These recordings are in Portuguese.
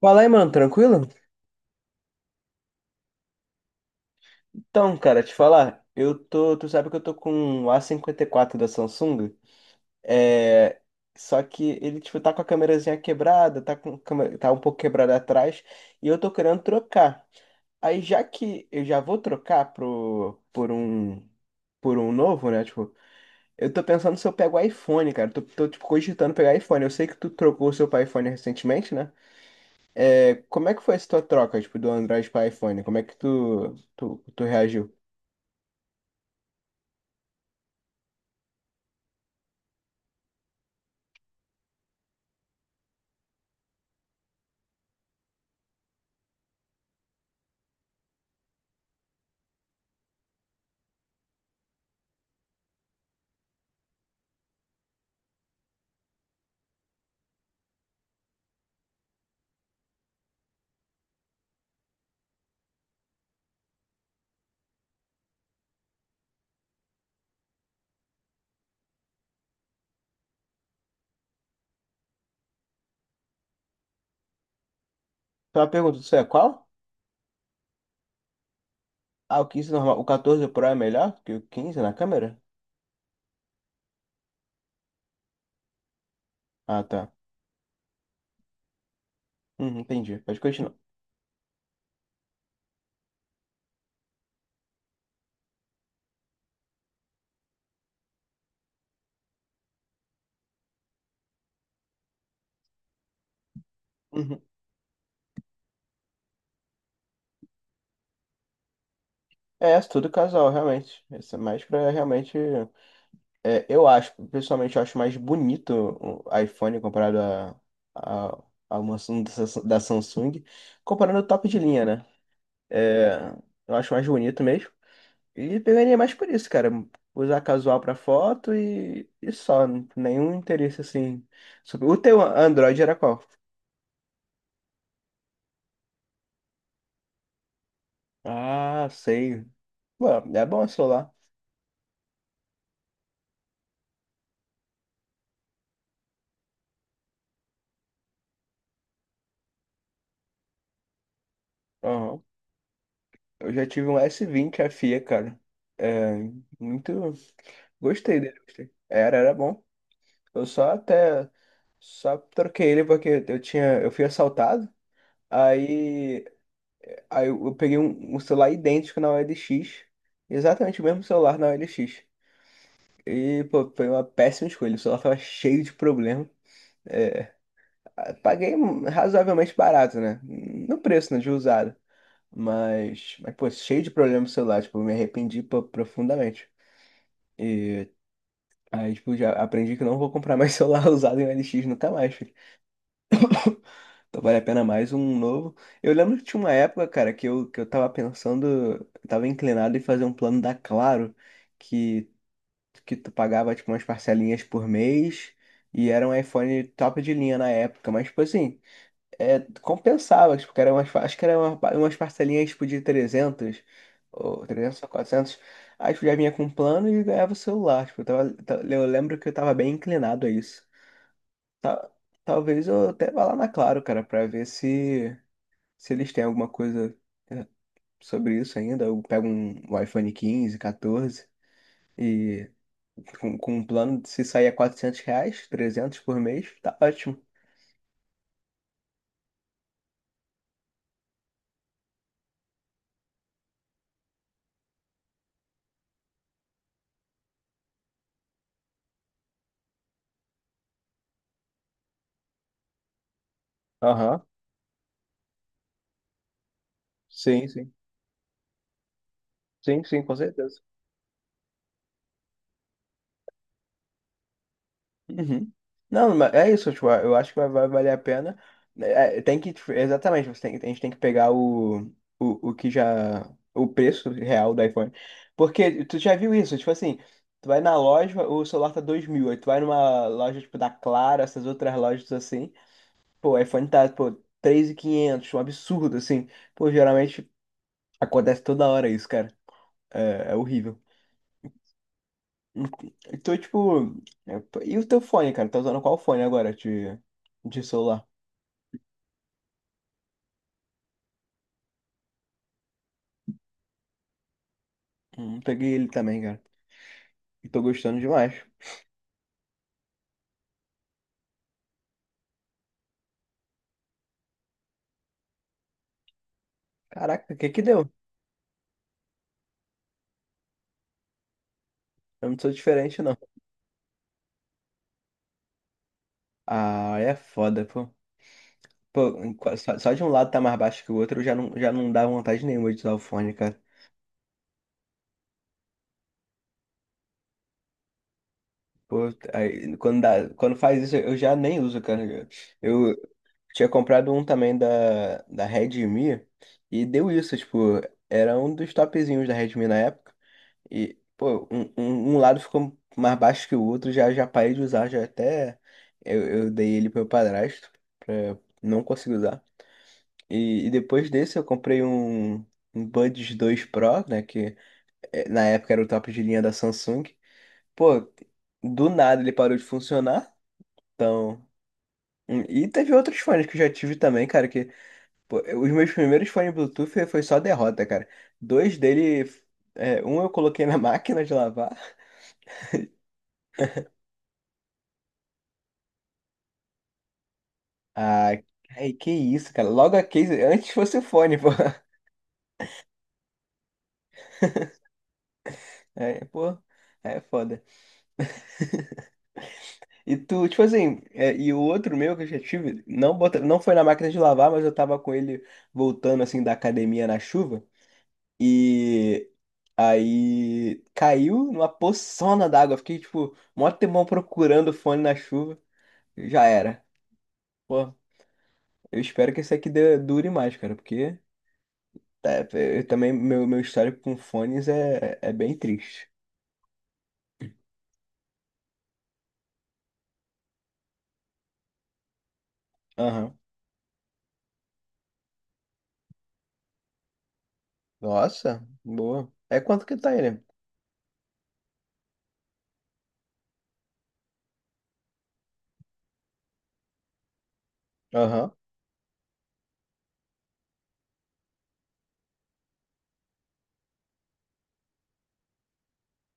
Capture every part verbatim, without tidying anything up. Fala aí, mano, tranquilo? Então, cara, te falar, eu tô, tu sabe que eu tô com um a cinquenta e quatro da Samsung, é, só que ele, tipo, tá com a câmerazinha quebrada, tá com, câmera- tá um pouco quebrada atrás, e eu tô querendo trocar. Aí, já que eu já vou trocar pro, por um, por um novo, né, tipo, eu tô pensando se eu pego o iPhone, cara, tô, tô, tipo, cogitando pegar iPhone. Eu sei que tu trocou o seu pra iPhone recentemente, né, é, como é que foi essa tua troca, tipo, do Android pra iPhone? Como é que tu, tu, tu reagiu? Só uma pergunta, isso é qual? Ah, o quinze normal. O catorze Pro é melhor que o quinze na câmera? Ah, tá. Uhum, entendi. Pode continuar. Uhum. É, é tudo casual, realmente. Isso é mais pra realmente. É, eu acho, pessoalmente, eu acho mais bonito o iPhone comparado a, a, a uma Samsung da Samsung, da Samsung, comparando o top de linha, né? É, eu acho mais bonito mesmo. E pegaria mais por isso, cara. Usar casual pra foto e, e só. Nenhum interesse assim. sobre- O teu Android era qual? Ah, sei. Pô, é bom o celular. Aham. Eu já tive um S vinte F E, cara. É, muito. Gostei dele. Gostei. Era, era bom. Eu só até. Só troquei ele porque eu tinha. Eu fui assaltado. Aí. Aí eu eu peguei um, um celular idêntico na O L X. Exatamente o mesmo celular na O L X. E, pô, foi uma péssima escolha. O celular tava cheio de problema. É, paguei razoavelmente barato, né? No preço, né, de usado. Mas, mas, pô, cheio de problema com celular, tipo, eu me arrependi pô, profundamente. Aí, tipo, já aprendi que não vou comprar mais celular usado em L X nunca mais, filho. Então vale a pena mais um novo. Eu lembro que tinha uma época, cara, que eu, que eu tava pensando. Eu tava inclinado em fazer um plano da Claro, que, que tu pagava, tipo, umas parcelinhas por mês, e era um iPhone top de linha na época. Mas, tipo assim, É, compensava, tipo, que era umas, acho que era uma, umas parcelinhas tipo, de trezentos ou trezentos ou quatrocentos. Aí, tipo, já vinha com um plano e ganhava o celular. Tipo, eu, tava- ta- eu lembro que eu tava bem inclinado a isso. Ta- Talvez eu até vá lá na Claro, cara, pra ver se, se eles têm alguma coisa é, sobre isso ainda. Eu pego um, um iPhone quinze catorze e com, com um plano de se sair a quatrocentos reais, trezentos por mês, tá ótimo. Aham, sim, sim. Sim, sim, com certeza. Uhum. Não, mas é isso, tipo, eu acho que vai, vai valer a pena. É, é, tem que, tipo, exatamente, você tem, a gente tem que pegar o, o, o que já, o preço real do iPhone. Porque tu já viu isso, tipo assim, tu vai na loja, o celular tá dois mil, aí tu vai numa loja, tipo, da Clara, essas outras lojas assim, pô, o iPhone tá, pô, três mil e quinhentos, um absurdo, assim. Pô, geralmente acontece toda hora isso, cara. É, é horrível. Então, tipo, é, e o teu fone, cara? Tá usando qual fone agora de, de celular? Hum, peguei ele também, cara. E tô gostando demais. Caraca, o que que deu? Eu não sou diferente, não. Ah, é foda, pô. Pô, em qua- só, só de um lado tá mais baixo que o outro, já não, já não dá vontade nenhuma de usar o fone, cara. Pô, aí, quando dá, quando faz isso, eu já nem uso, cara. Eu tinha comprado um também da, da Redmi, e deu isso, tipo, era um dos topzinhos da Redmi na época. E, pô, um, um, um lado ficou mais baixo que o outro, já, já parei de usar, já até eu, eu dei ele pro meu padrasto, pra não conseguir usar. E, e depois desse eu comprei um, um Buds dois Pro, né, que eh, na época era o top de linha da Samsung. Pô, do nada ele parou de funcionar, então... hum, E teve outros fones que eu já tive também, cara, que... Pô, eu- os meus primeiros fones Bluetooth foi foi só derrota, cara. Dois dele... eh, um eu coloquei na máquina de lavar. Ah, ai, que isso, cara. Logo a case, antes fosse o fone, pô. É, pô, é foda. E tu, tipo assim, é, e o outro meu que eu já tive, não, bota, não foi na máquina de lavar, mas eu tava com ele voltando assim da academia na chuva. E aí caiu numa poçona d'água. Fiquei, tipo, mó tempão procurando o fone na chuva. Já era. Pô, eu espero que esse aqui dê- dure mais, cara, porque tá, eu também meu, meu histórico com fones é, é bem triste. Aham. Nossa, boa. É quanto que tá ele? Aham.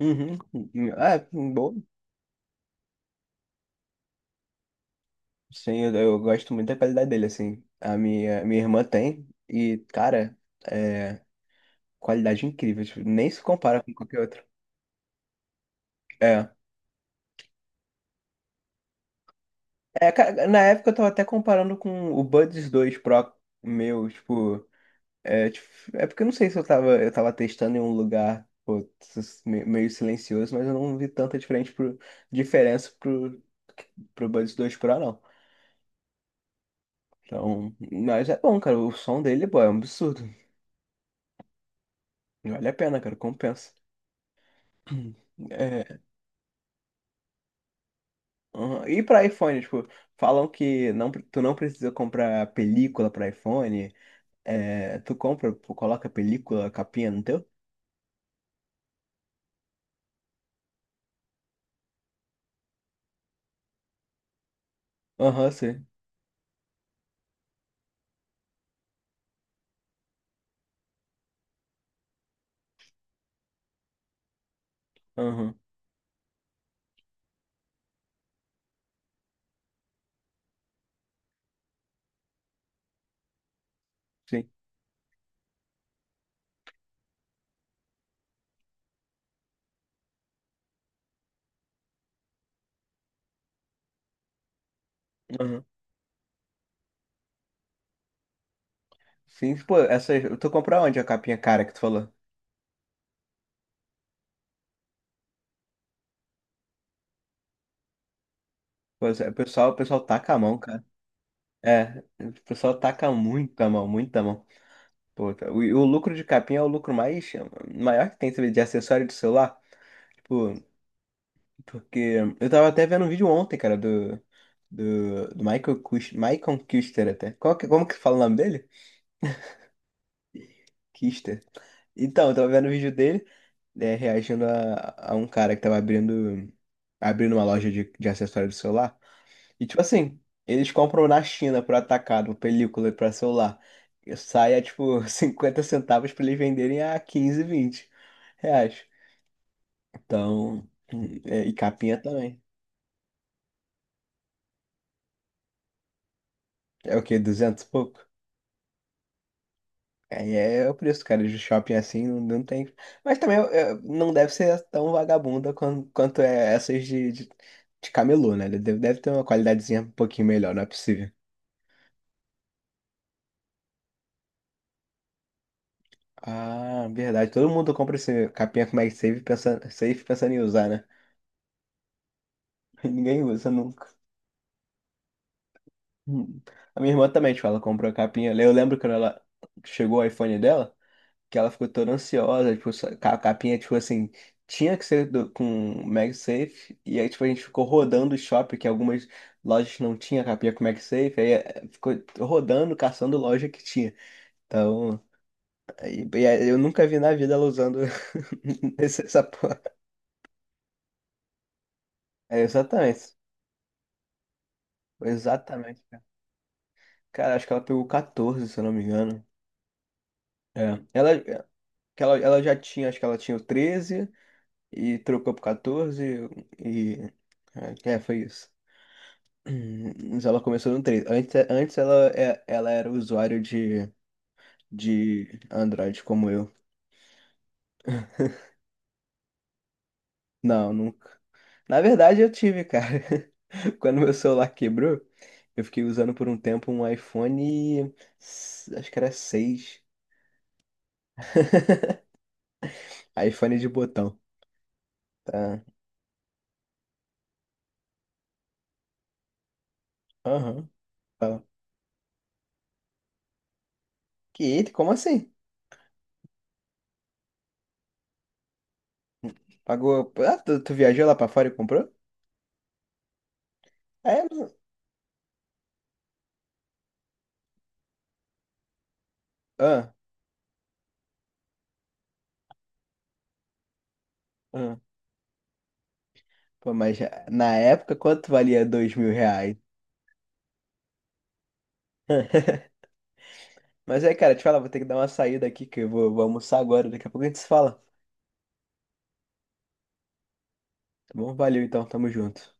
Uhum. Ah, é, boa. Sim, eu, eu gosto muito da qualidade dele, assim. A minha, minha irmã tem e, cara, é qualidade incrível. Tipo, nem se compara com qualquer outro. É. É, ca- na época eu tava até comparando com o Buds dois Pro meu, tipo. É, tipo, é porque eu não sei se eu tava, eu tava, testando em um lugar pô, sus- me- meio silencioso, mas eu não vi tanta diferente pro, diferença pro, pro Buds dois Pro, não. Então, mas é bom, cara. O som dele, pô, é um absurdo. Vale a pena, cara. Compensa. É, aham. E pra iPhone, tipo, falam que não, pre- tu não precisa comprar película pra iPhone. É, tu compra, pô, coloca película, capinha no teu? Aham, sim. Aham. Aham. Sim, pô, essa. Tu comprou onde a capinha cara que tu falou? Pois é, o pessoal, o pessoal taca a mão, cara. É, o pessoal taca muito a mão, muito a mão. Pô, tá- o, e o lucro de capinha é o lucro mais maior que tem, sabe, de acessório de celular. Tipo, porque eu tava até vendo um vídeo ontem, cara, do, do, do Michael Kush, Michael Kuster até. Qual que- como que fala o nome dele? Kister. Então, eu tava vendo o vídeo dele, né, reagindo a, a um cara que tava abrindo, abrindo uma loja de, de acessórios de celular. E tipo assim, eles compram na China por atacado, película pra celular. E sai a tipo cinquenta centavos pra eles venderem a quinze, vinte reais. Então, é, e capinha também. É o quê? Duzentos e pouco? Aí é o preço, cara, de shopping assim, não, não tem. Mas também é, não deve ser tão vagabunda quan- quanto é essas de, de, de camelô, né? Deve, deve ter uma qualidadezinha um pouquinho melhor, não é possível. Ah, verdade. Todo mundo compra esse capinha com MagSafe pensando, safe pensando em usar, né? Ninguém usa nunca. Hum. A minha irmã também, tipo, ela comprou a capinha. Eu lembro quando ela chegou o iPhone dela. Que ela ficou toda ansiosa, tipo, só- ca- a capinha, tipo assim, tinha que ser do, com MagSafe, e aí, tipo, a gente ficou rodando o shopping, que algumas lojas não tinha capinha com MagSafe, aí eh, ficou rodando, caçando loja que tinha. Então, aí, e aí eu nunca vi na vida ela usando esse- essa porra. É, exatamente, exatamente, cara. Cara, acho que ela pegou catorze, se eu não me engano. É. Ela, que ela, ela já tinha, acho que ela tinha o treze e trocou pro catorze e... É, é, foi isso. Hum, Mas ela começou no três. Antes, antes ela, é- ela era usuário de, de Android como eu. Não, nunca. Na verdade, eu tive, cara. Quando meu celular quebrou, eu fiquei usando por um tempo um iPhone. s- Acho que era seis. iPhone de botão. Tá. Aham. Tá. Que eita, como assim? Pagou. Ah, tu, tu viajou lá pra fora e comprou? É, mas- ah, ah. Pô, mas já- na época, quanto valia dois mil reais? Mas é, cara, te falar, vou ter que dar uma saída aqui, que eu vou, vou almoçar agora. Daqui a pouco a gente se fala. Tá bom? Valeu então, tamo junto.